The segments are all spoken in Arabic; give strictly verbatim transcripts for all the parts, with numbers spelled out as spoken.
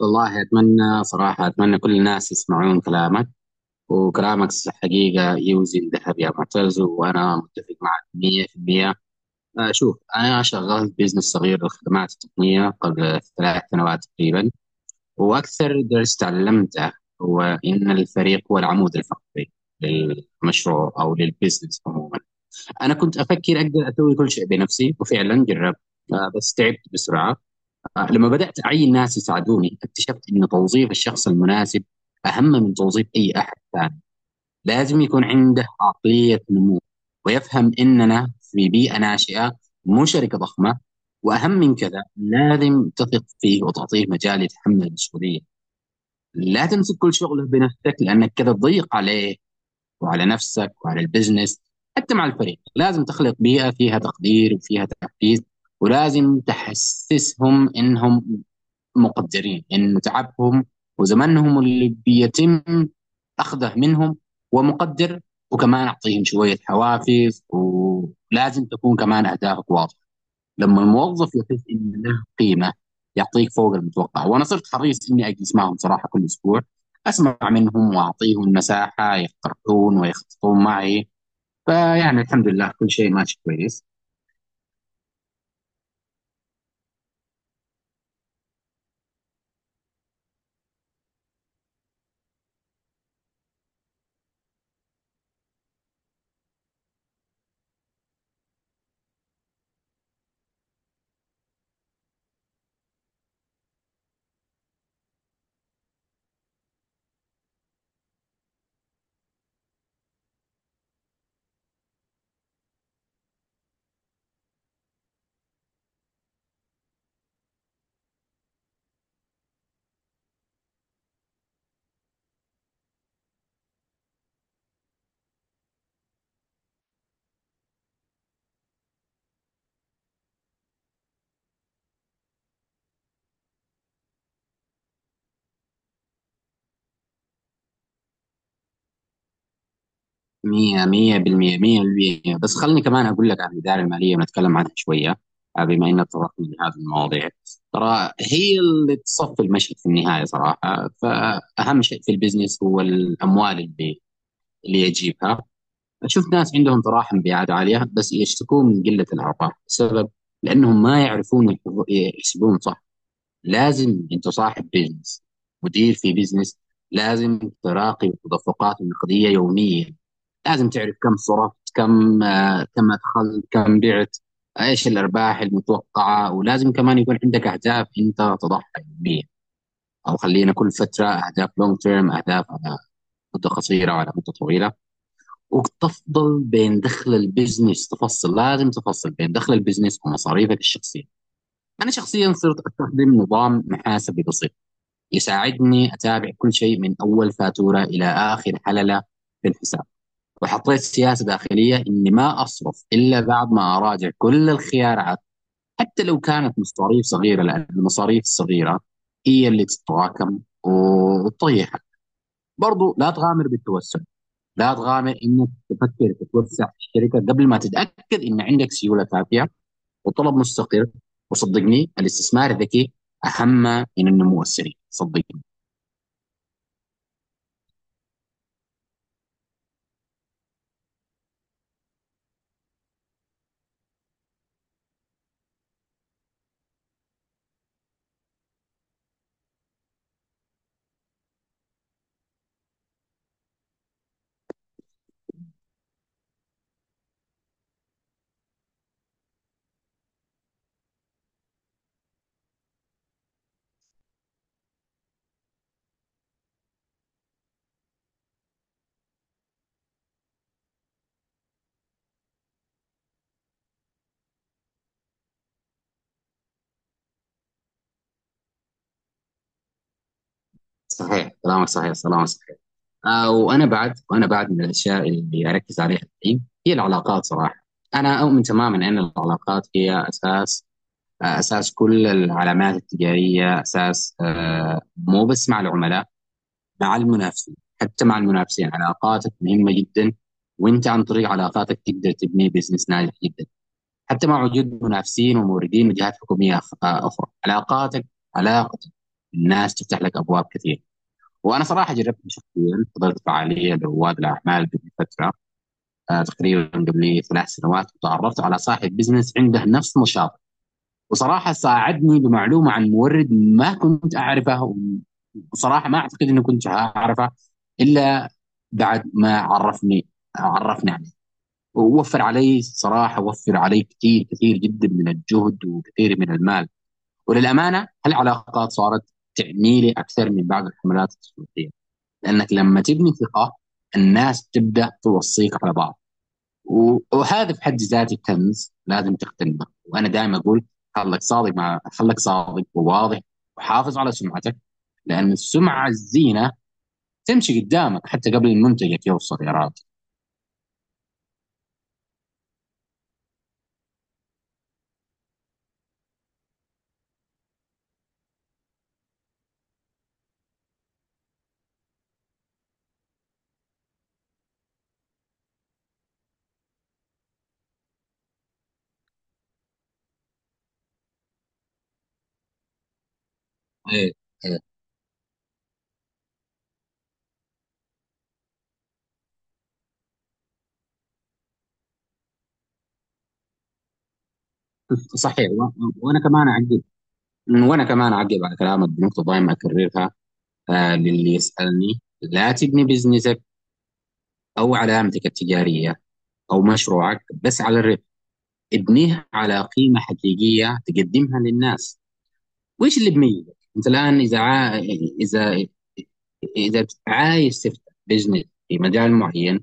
والله أتمنى صراحة أتمنى كل الناس يسمعون كلامك وكلامك حقيقة يوزن ذهب يا معتز، وأنا متفق معك مية بالمية. آه، شوف، أنا شغلت بزنس صغير للخدمات التقنية قبل ثلاث سنوات تقريبا. وأكثر درس تعلمته هو إن الفريق هو العمود الفقري للمشروع أو للبزنس عموما. أنا كنت أفكر أقدر أسوي كل شيء بنفسي وفعلا جربت. آه، بس تعبت بسرعة. آه، لما بدأت أعين ناس يساعدوني اكتشفت أن توظيف الشخص المناسب أهم من توظيف أي أحد ثاني. لازم يكون عنده عقلية نمو، ويفهم أننا في بيئة ناشئة، مو شركة ضخمة. وأهم من كذا لازم تثق فيه وتعطيه مجال يتحمل المسؤولية. لا تمسك كل شغله بنفسك، لأنك كذا تضيق عليه وعلى نفسك وعلى البزنس. حتى مع الفريق لازم تخلق بيئة فيها تقدير وفيها تحفيز، ولازم تحسسهم انهم مقدرين ان تعبهم وزمنهم اللي بيتم اخذه منهم ومقدر. وكمان اعطيهم شويه حوافز، ولازم تكون كمان اهدافك واضحه. لما الموظف يحس ان له قيمه يعطيك فوق المتوقع، وانا صرت حريص اني اجلس معهم صراحه كل اسبوع، اسمع منهم واعطيهم مساحه يقترحون ويخططون معي. فيعني الحمد لله كل شيء ماشي كويس. مية مية بالمية مية بالمية، بس خلني كمان أقول لك عن الإدارة المالية ونتكلم عنها شوية. آه، بما إنك تطرقنا لهذه المواضيع، ترى هي اللي تصفي المشهد في النهاية صراحة، فأهم شيء في البزنس هو الأموال اللي اللي يجيبها. أشوف ناس عندهم طراحة مبيعات عالية بس يشتكون من قلة الأرباح. السبب لأنهم ما يعرفون يحب- يحسبون صح. لازم أنت صاحب بزنس، مدير في بزنس، لازم تراقب تدفقات النقدية يوميا. لازم تعرف كم صرفت، كم آه، كم أدخلت، كم بعت، إيش الأرباح المتوقعة. ولازم كمان يكون عندك أهداف أنت تضعها يوميا، أو خلينا كل فترة أهداف لونج تيرم، أهداف على مدة قصيرة وعلى مدة طويلة. وتفضل بين دخل البزنس تفصل لازم تفصل بين دخل البزنس ومصاريفك الشخصية. أنا شخصيا صرت أستخدم نظام محاسبي بسيط يساعدني أتابع كل شيء من أول فاتورة إلى آخر حللة في الحساب. وحطيت سياسه داخليه اني ما اصرف الا بعد ما اراجع كل الخيارات، حتى لو كانت مصاريف صغيره، لان المصاريف الصغيره هي اللي تتراكم وتطيحك. برضو لا تغامر بالتوسع، لا تغامر انك تفكر تتوسع في الشركه قبل ما تتاكد ان عندك سيوله كافيه وطلب مستقر. وصدقني الاستثمار الذكي اهم من النمو السريع، صدقني. صحيح كلامك، صحيح كلامك، صحيح. آه وانا بعد وانا بعد من الاشياء اللي اركز عليها الحين هي العلاقات صراحه. انا اؤمن تماما ان العلاقات هي اساس، آه اساس كل العلامات التجاريه، اساس، آه مو بس مع العملاء، مع المنافسين. حتى مع المنافسين علاقاتك مهمه جدا، وانت عن طريق علاقاتك تقدر تبني بزنس ناجح جدا. حتى مع وجود منافسين وموردين من جهات حكوميه أخ- آه، اخرى، علاقاتك علاقتك الناس تفتح لك ابواب كثيره. وانا صراحه جربت شخصيا، حضرت فعاليه لرواد الاعمال قبل فتره، آه، تقريبا قبل ثلاث سنوات، وتعرفت على صاحب بزنس عنده نفس نشاط. وصراحه ساعدني بمعلومه عن مورد ما كنت اعرفه، وصراحه ما اعتقد اني كنت اعرفه الا بعد ما عرفني عرفني عليه. ووفر علي صراحه، وفر علي كثير كثير جدا من الجهد وكثير من المال. وللامانه هالعلاقات صارت تعني لي اكثر من بعض الحملات التسويقيه، لانك لما تبني ثقه الناس تبدا توصيك على بعض. و- وهذا في حد ذاته كنز لازم تقتنعه. وانا دائما اقول: خلك صادق مع خلك صادق وواضح، وحافظ على سمعتك، لان السمعه الزينه تمشي قدامك حتى قبل منتجك يوصل يا راجل. ايه، إيه. صحيح. و- وانا كمان اعقب وانا كمان اعقب على كلامك بنقطه دائما اكررها. آه للي يسالني: لا تبني بزنسك او علامتك التجاريه او مشروعك بس على الربح، ابنيها على قيمة حقيقية تقدمها للناس. وإيش اللي بميزك أنت الآن، إذا عا... إذا إذا عايز تفتح بزنس في مجال معين؟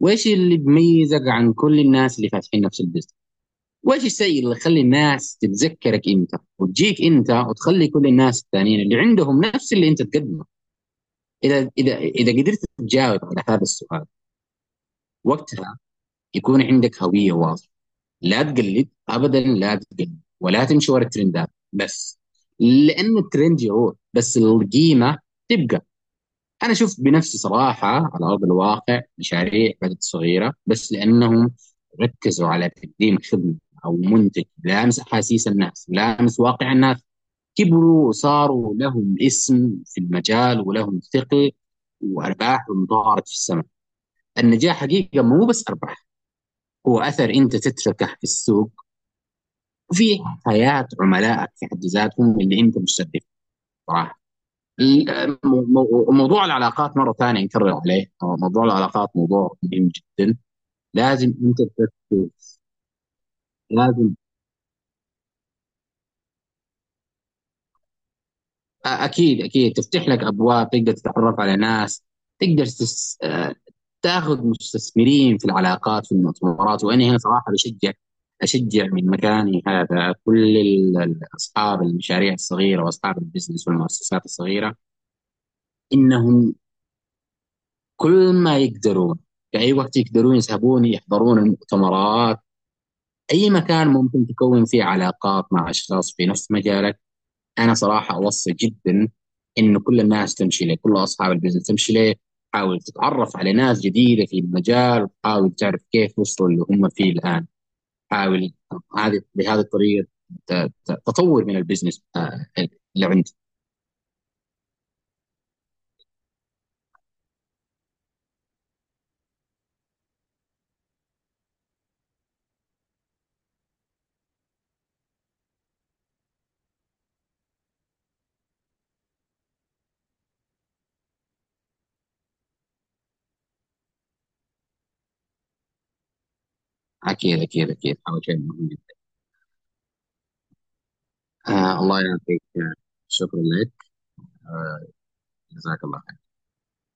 وإيش اللي بميزك عن كل الناس اللي فاتحين نفس البزنس؟ وإيش الشيء اللي يخلي الناس تتذكرك أنت وتجيك أنت وتخلي كل الناس الثانيين اللي عندهم نفس اللي أنت تقدمه؟ إذا إذا إذا قدرت تجاوب على هذا السؤال، وقتها يكون عندك هوية واضحة. لا تجلد ابدا، لا تجلد ولا تمشي ورا الترندات بس، لانه الترند يروح بس القيمه تبقى. انا اشوف بنفسي صراحه على ارض الواقع مشاريع بدات صغيره، بس لانهم ركزوا على تقديم خدمه او منتج لامس احاسيس الناس، لامس واقع الناس، كبروا وصاروا لهم اسم في المجال ولهم ثقل، وارباحهم طارت في السماء. النجاح حقيقه مو بس ارباح، هو اثر انت تتركه في السوق وفي حياه عملائك في حد ذاتهم اللي انت مستهدف. صراحه موضوع العلاقات مره ثانيه نكرر عليه، موضوع العلاقات موضوع مهم جدا، لازم انت تركز. لازم، اكيد اكيد تفتح لك ابواب، تقدر تتعرف على ناس، تقدر تس... تاخذ مستثمرين في العلاقات في المؤتمرات. وانا هنا صراحه بشجع، اشجع من مكاني هذا كل اصحاب المشاريع الصغيره واصحاب البزنس والمؤسسات الصغيره، انهم كل ما يقدرون في أي وقت يقدرون يسحبون يحضرون المؤتمرات، أي مكان ممكن تكون فيه علاقات مع أشخاص في نفس مجالك. أنا صراحة أوصي جدا إنه كل الناس تمشي له، كل أصحاب البزنس تمشي له، حاول تتعرف على ناس جديدة في المجال، وحاول تعرف كيف وصلوا اللي هم فيه الآن، حاول. هذه بهذه الطريقة ت- ت- تطور من البزنس آه، اللي عندك. أكيد أكيد أكيد، حاول شيء مهم جدا. آه الله يعطيك، آه، شكرا لك، آه جزاك الله.